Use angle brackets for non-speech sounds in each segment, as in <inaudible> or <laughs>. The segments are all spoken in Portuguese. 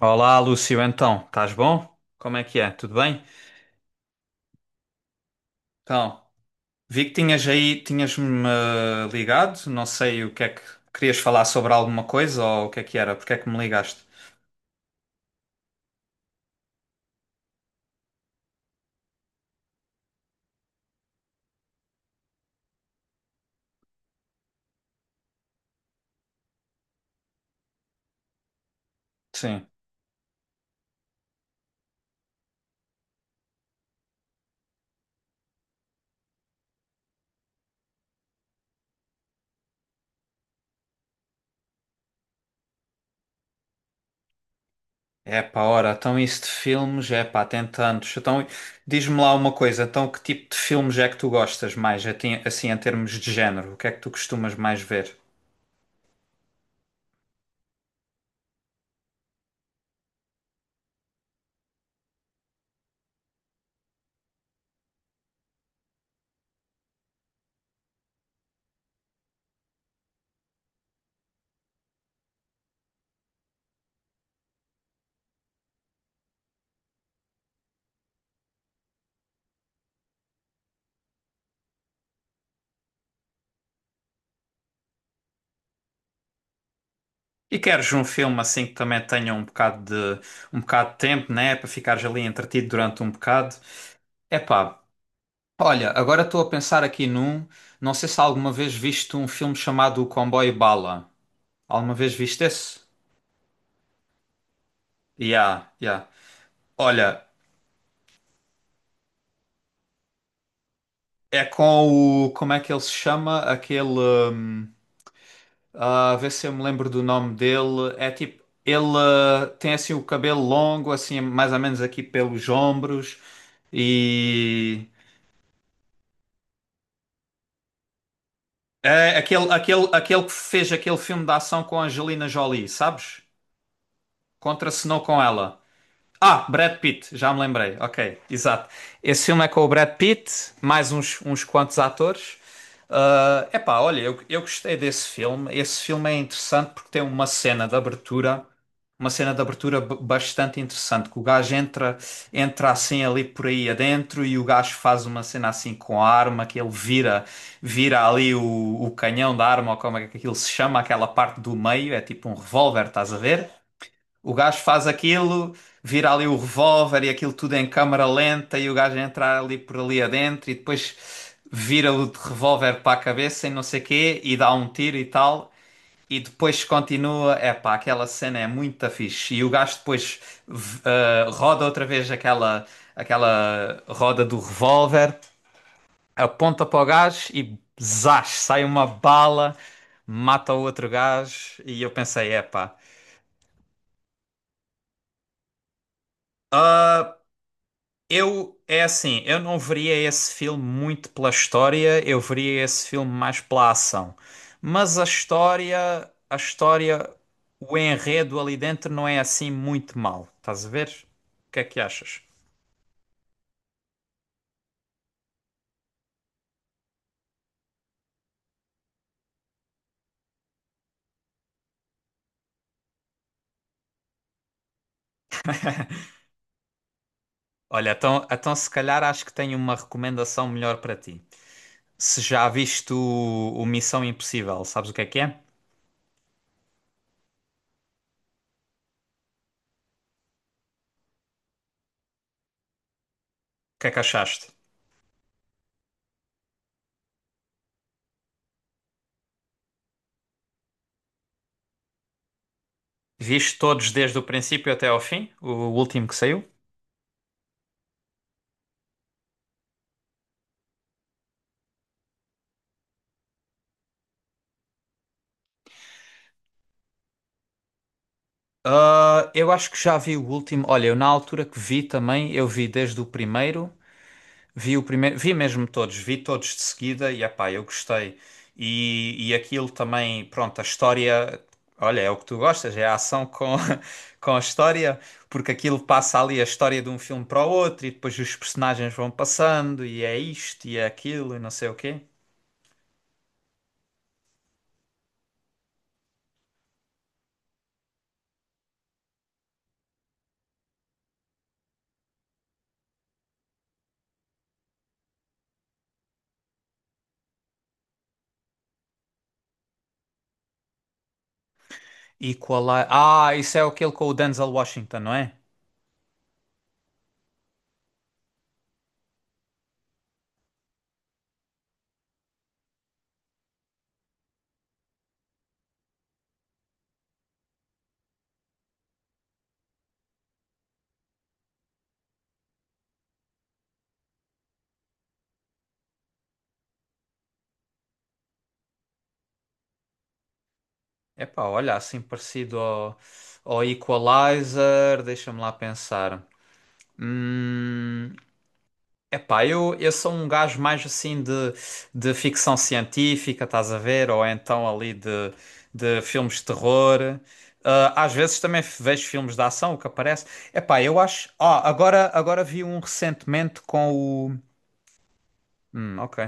Olá, Lúcio, então, estás bom? Como é que é? Tudo bem? Então, vi que tinhas-me ligado, não sei o que é que querias falar sobre alguma coisa ou o que é que era, porque é que me ligaste? Sim. É pá, ora, então isso de filmes, é pá, tem tantos. Então, diz-me lá uma coisa, então que tipo de filmes é que tu gostas mais, assim, em termos de género? O que é que tu costumas mais ver? E queres um filme assim que também tenha um bocado de tempo, né, para ficares ali entretido durante um bocado? É pá. Olha, agora estou a pensar aqui num. Não sei se alguma vez viste um filme chamado O Comboio Bala. Alguma vez viste esse? Yeah, yeah. Olha, é com o. Como é que ele se chama? Aquele. hum, ah, vê se eu me lembro do nome dele. É tipo. Ele tem assim o cabelo longo, assim, mais ou menos aqui pelos ombros. E. É aquele, aquele que fez aquele filme de ação com a Angelina Jolie, sabes? Contracenou com ela. Ah, Brad Pitt, já me lembrei. Ok, exato. Esse filme é com o Brad Pitt, mais uns quantos atores. Ah, epá, olha, eu gostei desse filme. Esse filme é interessante porque tem uma cena de abertura, uma cena de abertura bastante interessante, que o gajo entra, entra assim ali por aí adentro e o gajo faz uma cena assim com a arma, que ele vira, vira o canhão da arma, ou como é que aquilo se chama, aquela parte do meio, é tipo um revólver, estás a ver? O gajo faz aquilo, vira ali o revólver e aquilo tudo em câmara lenta e o gajo entra ali por ali adentro e depois vira o de revólver para a cabeça e não sei quê e dá um tiro e tal. E depois continua, epá, aquela cena é muito fixe. E o gajo depois roda outra vez aquela, aquela roda do revólver, aponta para o gajo e zás, sai uma bala, mata o outro gajo. E eu pensei, epá. Eu, é assim, eu não veria esse filme muito pela história, eu veria esse filme mais pela ação. Mas a história, o enredo ali dentro não é assim muito mau. Estás a ver? O que é que achas? Olha, então, então se calhar acho que tenho uma recomendação melhor para ti. Se já viste o Missão Impossível, sabes o que é que é? O que é que achaste? Viste todos desde o princípio até ao fim? O último que saiu? Ah, eu acho que já vi o último. Olha, eu na altura que vi também, eu vi desde o primeiro, vi mesmo todos, vi todos de seguida e epá, eu gostei. E aquilo também, pronto, a história, olha, é o que tu gostas, é a ação com, <laughs> com a história, porque aquilo passa ali a história de um filme para o outro e depois os personagens vão passando e é isto e é aquilo e não sei o quê. E qual é? Ah, isso é aquele com o Denzel Washington, não é? Epá, olha, assim parecido ao Equalizer, deixa-me lá pensar. Hum, epá, eu sou um gajo mais assim de ficção científica, estás a ver? Ou então de filmes de terror. Ah, às vezes também vejo filmes de ação, o que aparece. Epá, eu acho. Ah, agora vi um recentemente com o. Ok.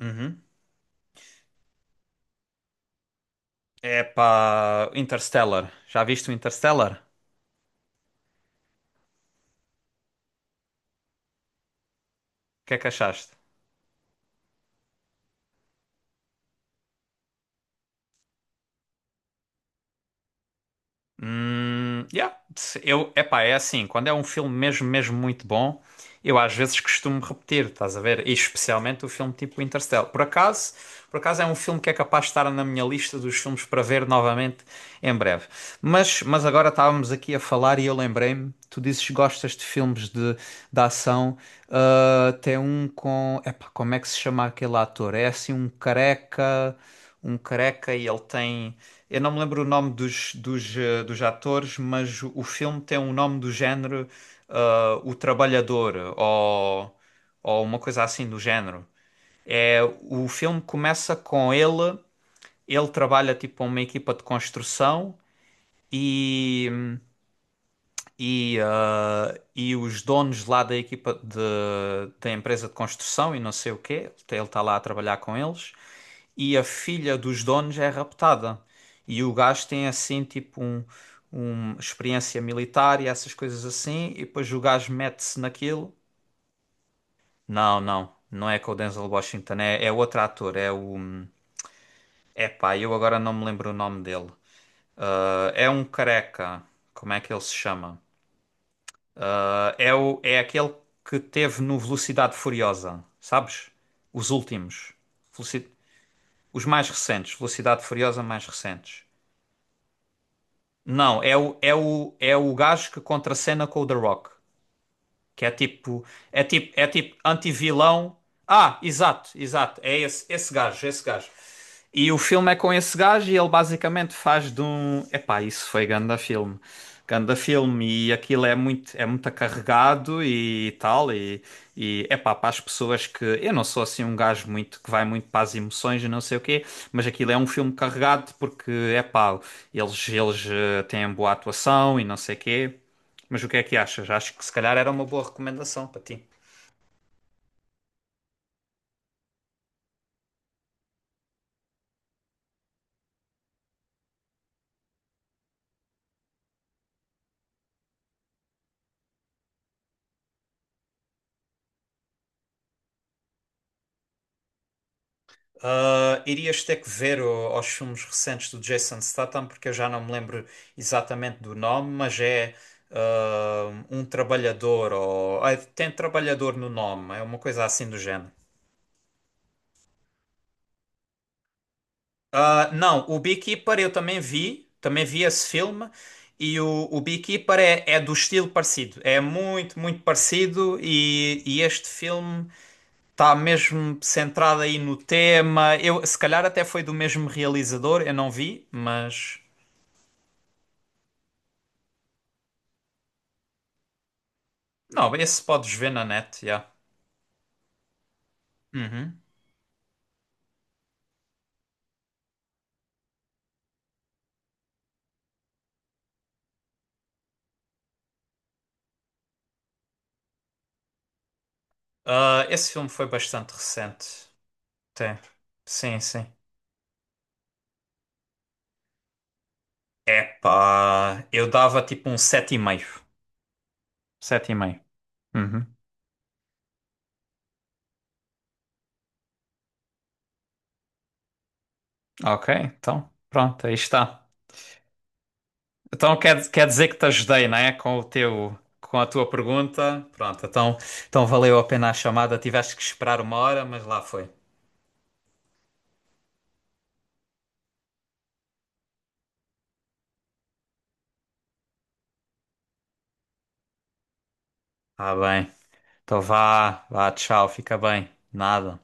Uhum. Epá, Interstellar. Já viste o Interstellar? O que é que achaste? Yeah. Eu, epá, é assim, quando é um filme mesmo, mesmo muito bom, eu às vezes costumo repetir, estás a ver? E especialmente o filme tipo Interstellar. Por acaso é um filme que é capaz de estar na minha lista dos filmes para ver novamente em breve. Mas agora estávamos aqui a falar e eu lembrei-me, tu dizes que gostas de filmes de ação, ah, tem um com, epá, como é que se chama aquele ator? É assim um careca e ele tem. Eu não me lembro o nome dos atores, mas o filme tem um nome do género ah, O Trabalhador ou uma coisa assim do género. É, o filme começa com ele, ele trabalha tipo uma equipa de construção e, e e os donos lá da equipa da empresa de construção e não sei o quê, ele está lá a trabalhar com eles e a filha dos donos é raptada. E o gajo tem assim tipo um experiência militar e essas coisas assim, e depois o gajo mete-se naquilo. Não, não é com o Denzel Washington, é outro ator, é o. É pá, eu agora não me lembro o nome dele. Ah, é um careca, como é que ele se chama? Ah, é aquele que teve no Velocidade Furiosa, sabes? Os últimos. Veloci- Os mais recentes, Velocidade Furiosa mais recentes. Não, é o gajo que contracena com o The Rock. Que é tipo anti-vilão. Ah, exato, exato. É esse, esse gajo. E o filme é com esse gajo e ele basicamente faz de um. Epá, isso foi ganda filme. Ganda filme e aquilo é é muito carregado e tal. E epá, para as pessoas que. Eu não sou assim um gajo muito que vai muito para as emoções e não sei o quê, mas aquilo é um filme carregado porque, epá, eles têm boa atuação e não sei o quê. Mas o que é que achas? Acho que se calhar era uma boa recomendação para ti. Ah, irias ter que ver os filmes recentes do Jason Statham, porque eu já não me lembro exatamente do nome, mas é ah, um trabalhador, ou ah, tem trabalhador no nome, é uma coisa assim do género. Ah, não, o Beekeeper eu também vi esse filme, e o Beekeeper é do estilo parecido, é muito parecido, e este filme está mesmo centrado aí no tema. Eu, se calhar até foi do mesmo realizador, eu não vi, mas. Não, esse podes ver na net, já. Uhum. Ah, esse filme foi bastante recente. Tem. Sim, sim. Epá, eu dava tipo um sete. Sete e meio. Sete e meio. Uhum. Ok, então, pronto, aí está. Então quer dizer que te ajudei, não é? Com o teu, com a tua pergunta. Pronto, então, então valeu a pena a chamada. Tiveste que esperar uma hora, mas lá foi. Ah, bem. Então vá, vá, tchau, fica bem. Nada.